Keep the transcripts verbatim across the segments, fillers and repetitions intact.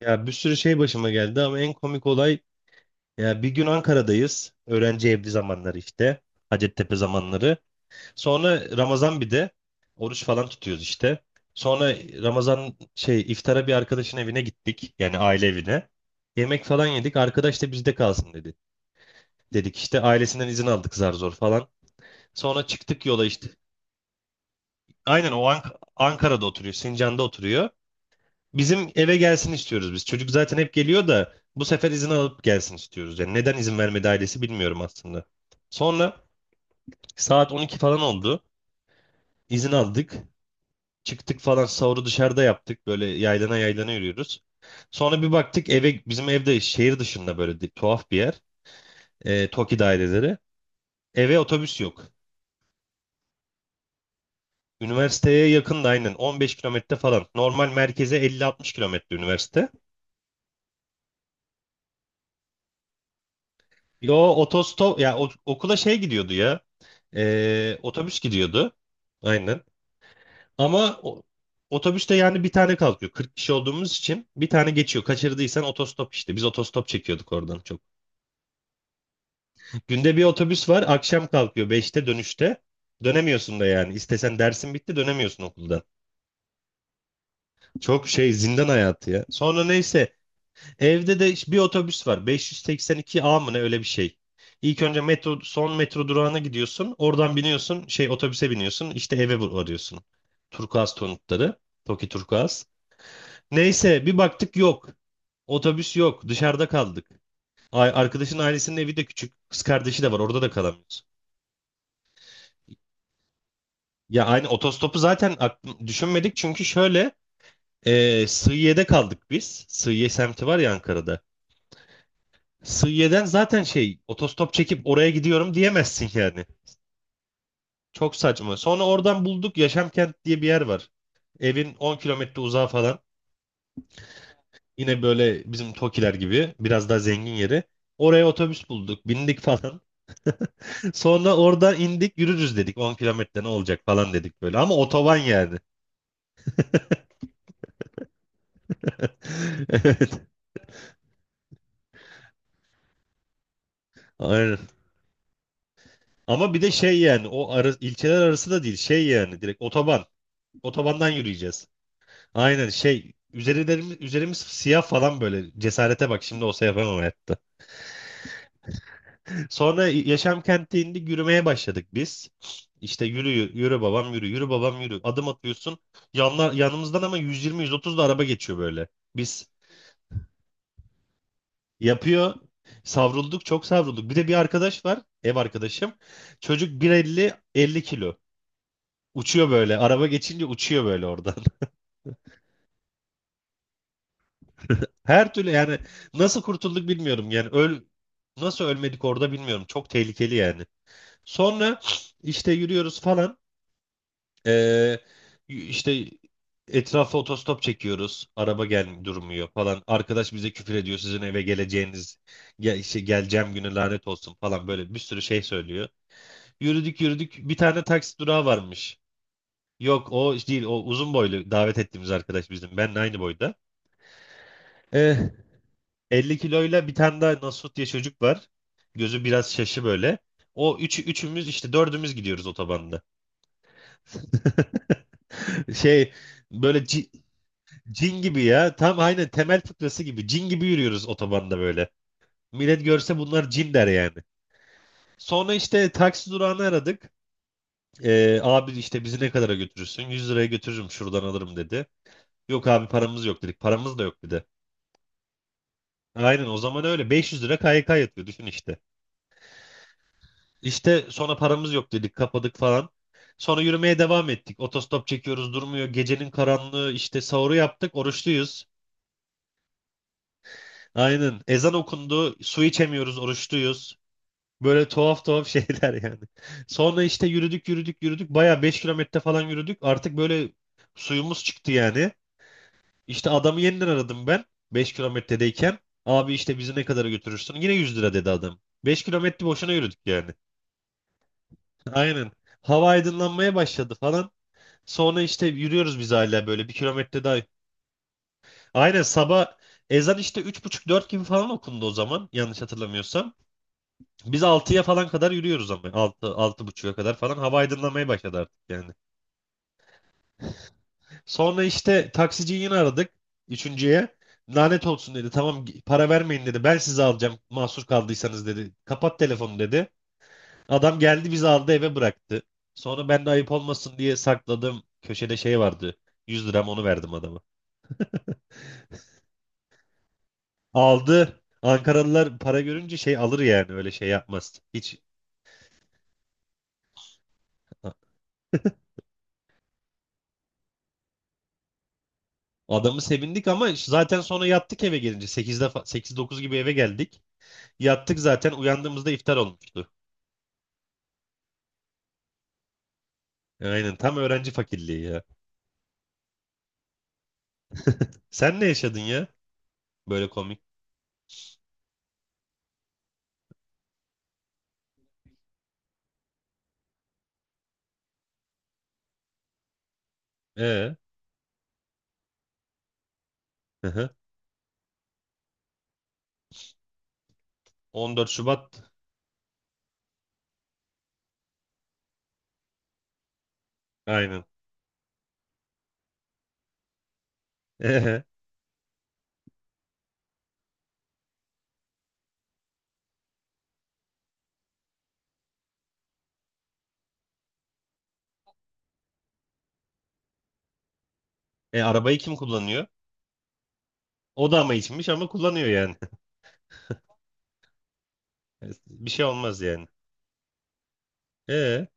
Ya bir sürü şey başıma geldi ama en komik olay ya bir gün Ankara'dayız. Öğrenci evli zamanları işte. Hacettepe zamanları. Sonra Ramazan bir de oruç falan tutuyoruz işte. Sonra Ramazan şey iftara bir arkadaşın evine gittik. Yani aile evine. Yemek falan yedik. Arkadaş da bizde kalsın dedi. Dedik işte ailesinden izin aldık zar zor falan. Sonra çıktık yola işte. Aynen o Ank- Ankara'da oturuyor. Sincan'da oturuyor. Bizim eve gelsin istiyoruz biz. Çocuk zaten hep geliyor da bu sefer izin alıp gelsin istiyoruz. Yani neden izin vermedi ailesi bilmiyorum aslında. Sonra saat on iki falan oldu. İzin aldık. Çıktık falan sahuru dışarıda yaptık. Böyle yaylana yaylana yürüyoruz. Sonra bir baktık eve bizim evde şehir dışında böyle di- tuhaf bir yer. E, TOKİ daireleri. Eve otobüs yok. Üniversiteye yakın da aynen on beş kilometre falan. Normal merkeze elli altmış kilometre üniversite. Yo otostop ya o- okula şey gidiyordu ya. Ee, otobüs gidiyordu. Aynen. Ama o- otobüste yani bir tane kalkıyor. Kırk kişi olduğumuz için bir tane geçiyor. Kaçırdıysan otostop işte. Biz otostop çekiyorduk oradan çok. Günde bir otobüs var. Akşam kalkıyor beşte dönüşte. Dönemiyorsun da yani. İstesen dersin bitti dönemiyorsun okuldan. Çok şey zindan hayatı ya. Sonra neyse evde de bir otobüs var. beş yüz seksen iki A mı ne öyle bir şey. İlk önce metro son metro durağına gidiyorsun. Oradan biniyorsun. Şey otobüse biniyorsun. İşte eve varıyorsun. Turkuaz tonukları. Toki Turkuaz. Neyse bir baktık yok. Otobüs yok. Dışarıda kaldık. Ay, arkadaşın ailesinin evi de küçük. Kız kardeşi de var. Orada da kalamıyoruz. Ya aynı otostopu zaten aklım, düşünmedik. Çünkü şöyle e, Sığıye'de kaldık biz. Sığıye semti var ya Ankara'da. Sığıye'den zaten şey otostop çekip oraya gidiyorum diyemezsin yani. Çok saçma. Sonra oradan bulduk Yaşamkent diye bir yer var. Evin on kilometre uzağı falan. Yine böyle bizim Tokiler gibi biraz daha zengin yeri. Oraya otobüs bulduk, bindik falan. Sonra oradan indik, yürürüz dedik. on kilometre ne olacak falan dedik böyle. Ama otoban yani. Evet, aynen. Ama bir de şey yani o ara, ilçeler arası da değil. Şey yani direkt otoban. Otobandan yürüyeceğiz. Aynen şey üzerlerimiz, üzerimiz siyah falan böyle cesarete bak şimdi olsa yapamam hayatta. Sonra yaşam kenti indik yürümeye başladık biz. İşte yürü yürü babam yürü yürü babam yürü adım atıyorsun. Yanlar, yanımızdan ama yüz yirmi yüz otuz da araba geçiyor böyle. Biz yapıyor savrulduk çok savrulduk. Bir de bir arkadaş var ev arkadaşım. Çocuk bir elli elli kilo. Uçuyor böyle araba geçince uçuyor böyle oradan. Her türlü yani nasıl kurtulduk bilmiyorum. Yani öl nasıl ölmedik orada bilmiyorum. Çok tehlikeli yani. Sonra işte yürüyoruz falan. Ee, işte etrafa otostop çekiyoruz. Araba gel durmuyor falan. Arkadaş bize küfür ediyor. Sizin eve geleceğiniz gel, işte geleceğim güne lanet olsun falan böyle bir sürü şey söylüyor. Yürüdük yürüdük. Bir tane taksi durağı varmış. Yok o değil o uzun boylu davet ettiğimiz arkadaş bizim. Benle aynı boyda. Eh, elli kiloyla bir tane daha Nasut diye çocuk var. Gözü biraz şaşı böyle. O üçü, üçümüz işte dördümüz gidiyoruz otobanda. Şey böyle ci- cin, gibi ya. Tam aynen temel fıkrası gibi. Cin gibi yürüyoruz otobanda böyle. Millet görse bunlar cin der yani. Sonra işte taksi durağını aradık. Ee, abi işte bizi ne kadara götürürsün? yüz liraya götürürüm şuradan alırım dedi. Yok abi paramız yok dedik. Paramız da yok dedi. Aynen o zaman öyle. beş yüz lira K Y K yatıyor düşün işte. İşte sonra paramız yok dedik kapadık falan. Sonra yürümeye devam ettik. Otostop çekiyoruz durmuyor. Gecenin karanlığı işte sahuru yaptık oruçluyuz. Aynen ezan okundu su içemiyoruz oruçluyuz. Böyle tuhaf tuhaf şeyler yani. Sonra işte yürüdük yürüdük yürüdük. Baya beş kilometre falan yürüdük. Artık böyle suyumuz çıktı yani. İşte adamı yeniden aradım ben beş kilometredeyken. Abi işte bizi ne kadara götürürsün? Yine yüz lira dedi adam. beş kilometre boşuna yürüdük yani. Aynen. Hava aydınlanmaya başladı falan. Sonra işte yürüyoruz biz hala böyle bir kilometre daha. Aynen sabah ezan işte üç buçuk dört gibi falan okundu o zaman yanlış hatırlamıyorsam. Biz altıya falan kadar yürüyoruz ama altı altı 6.30'a kadar falan hava aydınlamaya başladı artık yani. Sonra işte taksiciyi yine aradık üçüncüye. Lanet olsun dedi. Tamam gi- para vermeyin dedi. Ben sizi alacağım mahsur kaldıysanız dedi. Kapat telefonu dedi. Adam geldi bizi aldı eve bıraktı. Sonra ben de ayıp olmasın diye sakladım. Köşede şey vardı. Yüz liram onu verdim adama. Aldı. Ankaralılar para görünce şey alır yani öyle şey yapmaz hiç. Adamı sevindik ama iş- zaten sonra yattık eve gelince sekizde sekiz dokuz gibi eve geldik. Yattık zaten uyandığımızda iftar olmuştu. Aynen tam öğrenci fakirliği ya. Sen ne yaşadın ya? Böyle komik. Ee, hı hı. on dört Şubat. Aynen. Ee, e, arabayı kim kullanıyor? O da ama içmiş ama kullanıyor yani. Bir şey olmaz yani. Ee,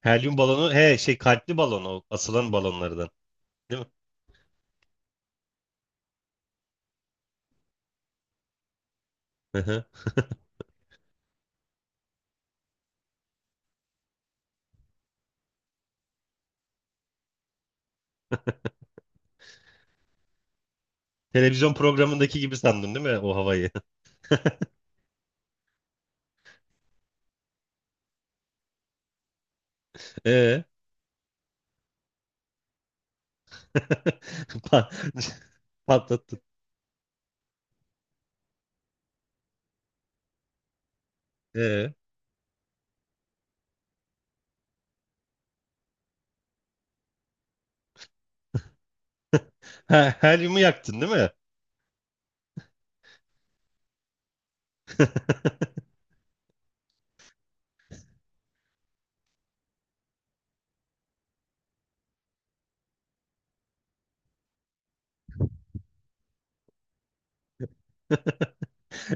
helyum balonu he şey kalpli balon o asılan balonlardan. Değil mi? Televizyon programındaki gibi sandın değil mi o havayı? Ee, Pa- patlattın. Ee, ha, helyumu yaktın değil mi?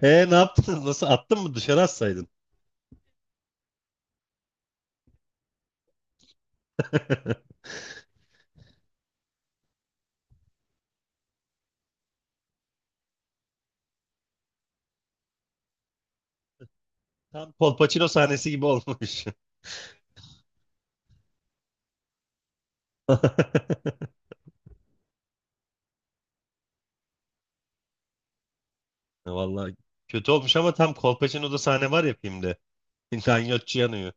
Ee, ne yaptın? Nasıl attın mı? Dışarı atsaydın. Tam Kolpaçino sahnesi gibi olmuş. Vallahi kötü olmuş ama tam Kolpaçino'da sahne var ya filmde. Ganyotçu yanıyor.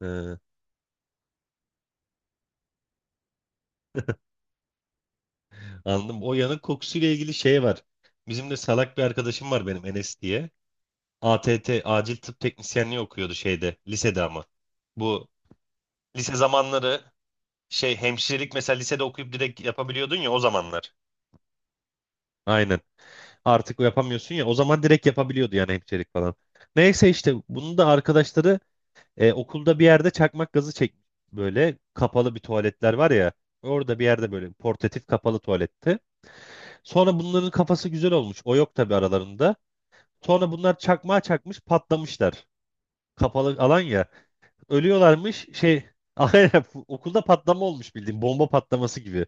Ee, anladım. O yanık kokusuyla ilgili şey var. Bizim de salak bir arkadaşım var benim Enes diye. A T T acil tıp teknisyenliği okuyordu şeyde lisede ama. Bu lise zamanları şey hemşirelik mesela lisede okuyup direkt yapabiliyordun ya o zamanlar. Aynen. Artık yapamıyorsun ya o zaman direkt yapabiliyordu yani hemşirelik falan. Neyse işte bunu da arkadaşları e, okulda bir yerde çakmak gazı çek böyle kapalı bir tuvaletler var ya. Orada bir yerde böyle portatif kapalı tuvaletti. Sonra bunların kafası güzel olmuş. O yok tabii aralarında. Sonra bunlar çakmağa çakmış patlamışlar. Kapalı alan ya. Ölüyorlarmış şey aynen okulda patlama olmuş bildiğin bomba patlaması gibi.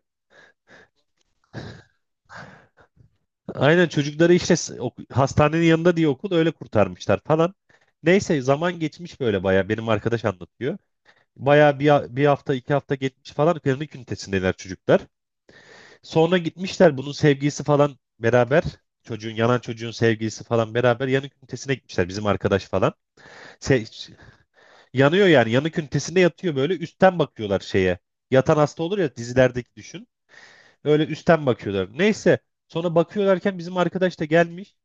Aynen çocukları işte s- ok- hastanenin yanında diye okul öyle kurtarmışlar falan. Neyse zaman geçmiş böyle baya benim arkadaş anlatıyor. Baya bir, ha- bir hafta iki hafta geçmiş falan klinik ünitesindeler çocuklar. Sonra gitmişler bunun sevgilisi falan beraber çocuğun yanan çocuğun sevgilisi falan beraber yanık ünitesine gitmişler bizim arkadaş falan. Se- yanıyor yani yanık ünitesinde yatıyor böyle üstten bakıyorlar şeye. Yatan hasta olur ya dizilerdeki düşün. Öyle üstten bakıyorlar. Neyse sonra bakıyorlarken bizim arkadaş da gelmiş.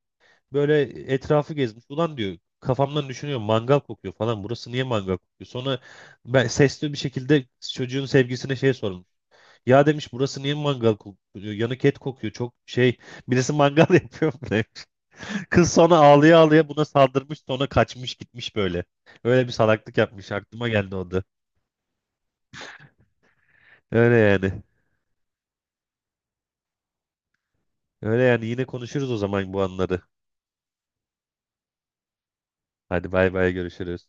Böyle etrafı gezmiş. Ulan diyor kafamdan düşünüyorum mangal kokuyor falan. Burası niye mangal kokuyor? Sonra ben sesli bir şekilde çocuğun sevgisine şey sormuş. Ya demiş burası niye mangal kokuyor? Yanık et kokuyor. Çok şey birisi mangal yapıyor mu demiş. Kız sonra ağlaya ağlaya buna saldırmış sonra kaçmış gitmiş böyle. Öyle bir salaklık yapmış. Aklıma geldi o da. Öyle yani. Öyle yani yine konuşuruz o zaman bu anları. Hadi bay bay görüşürüz.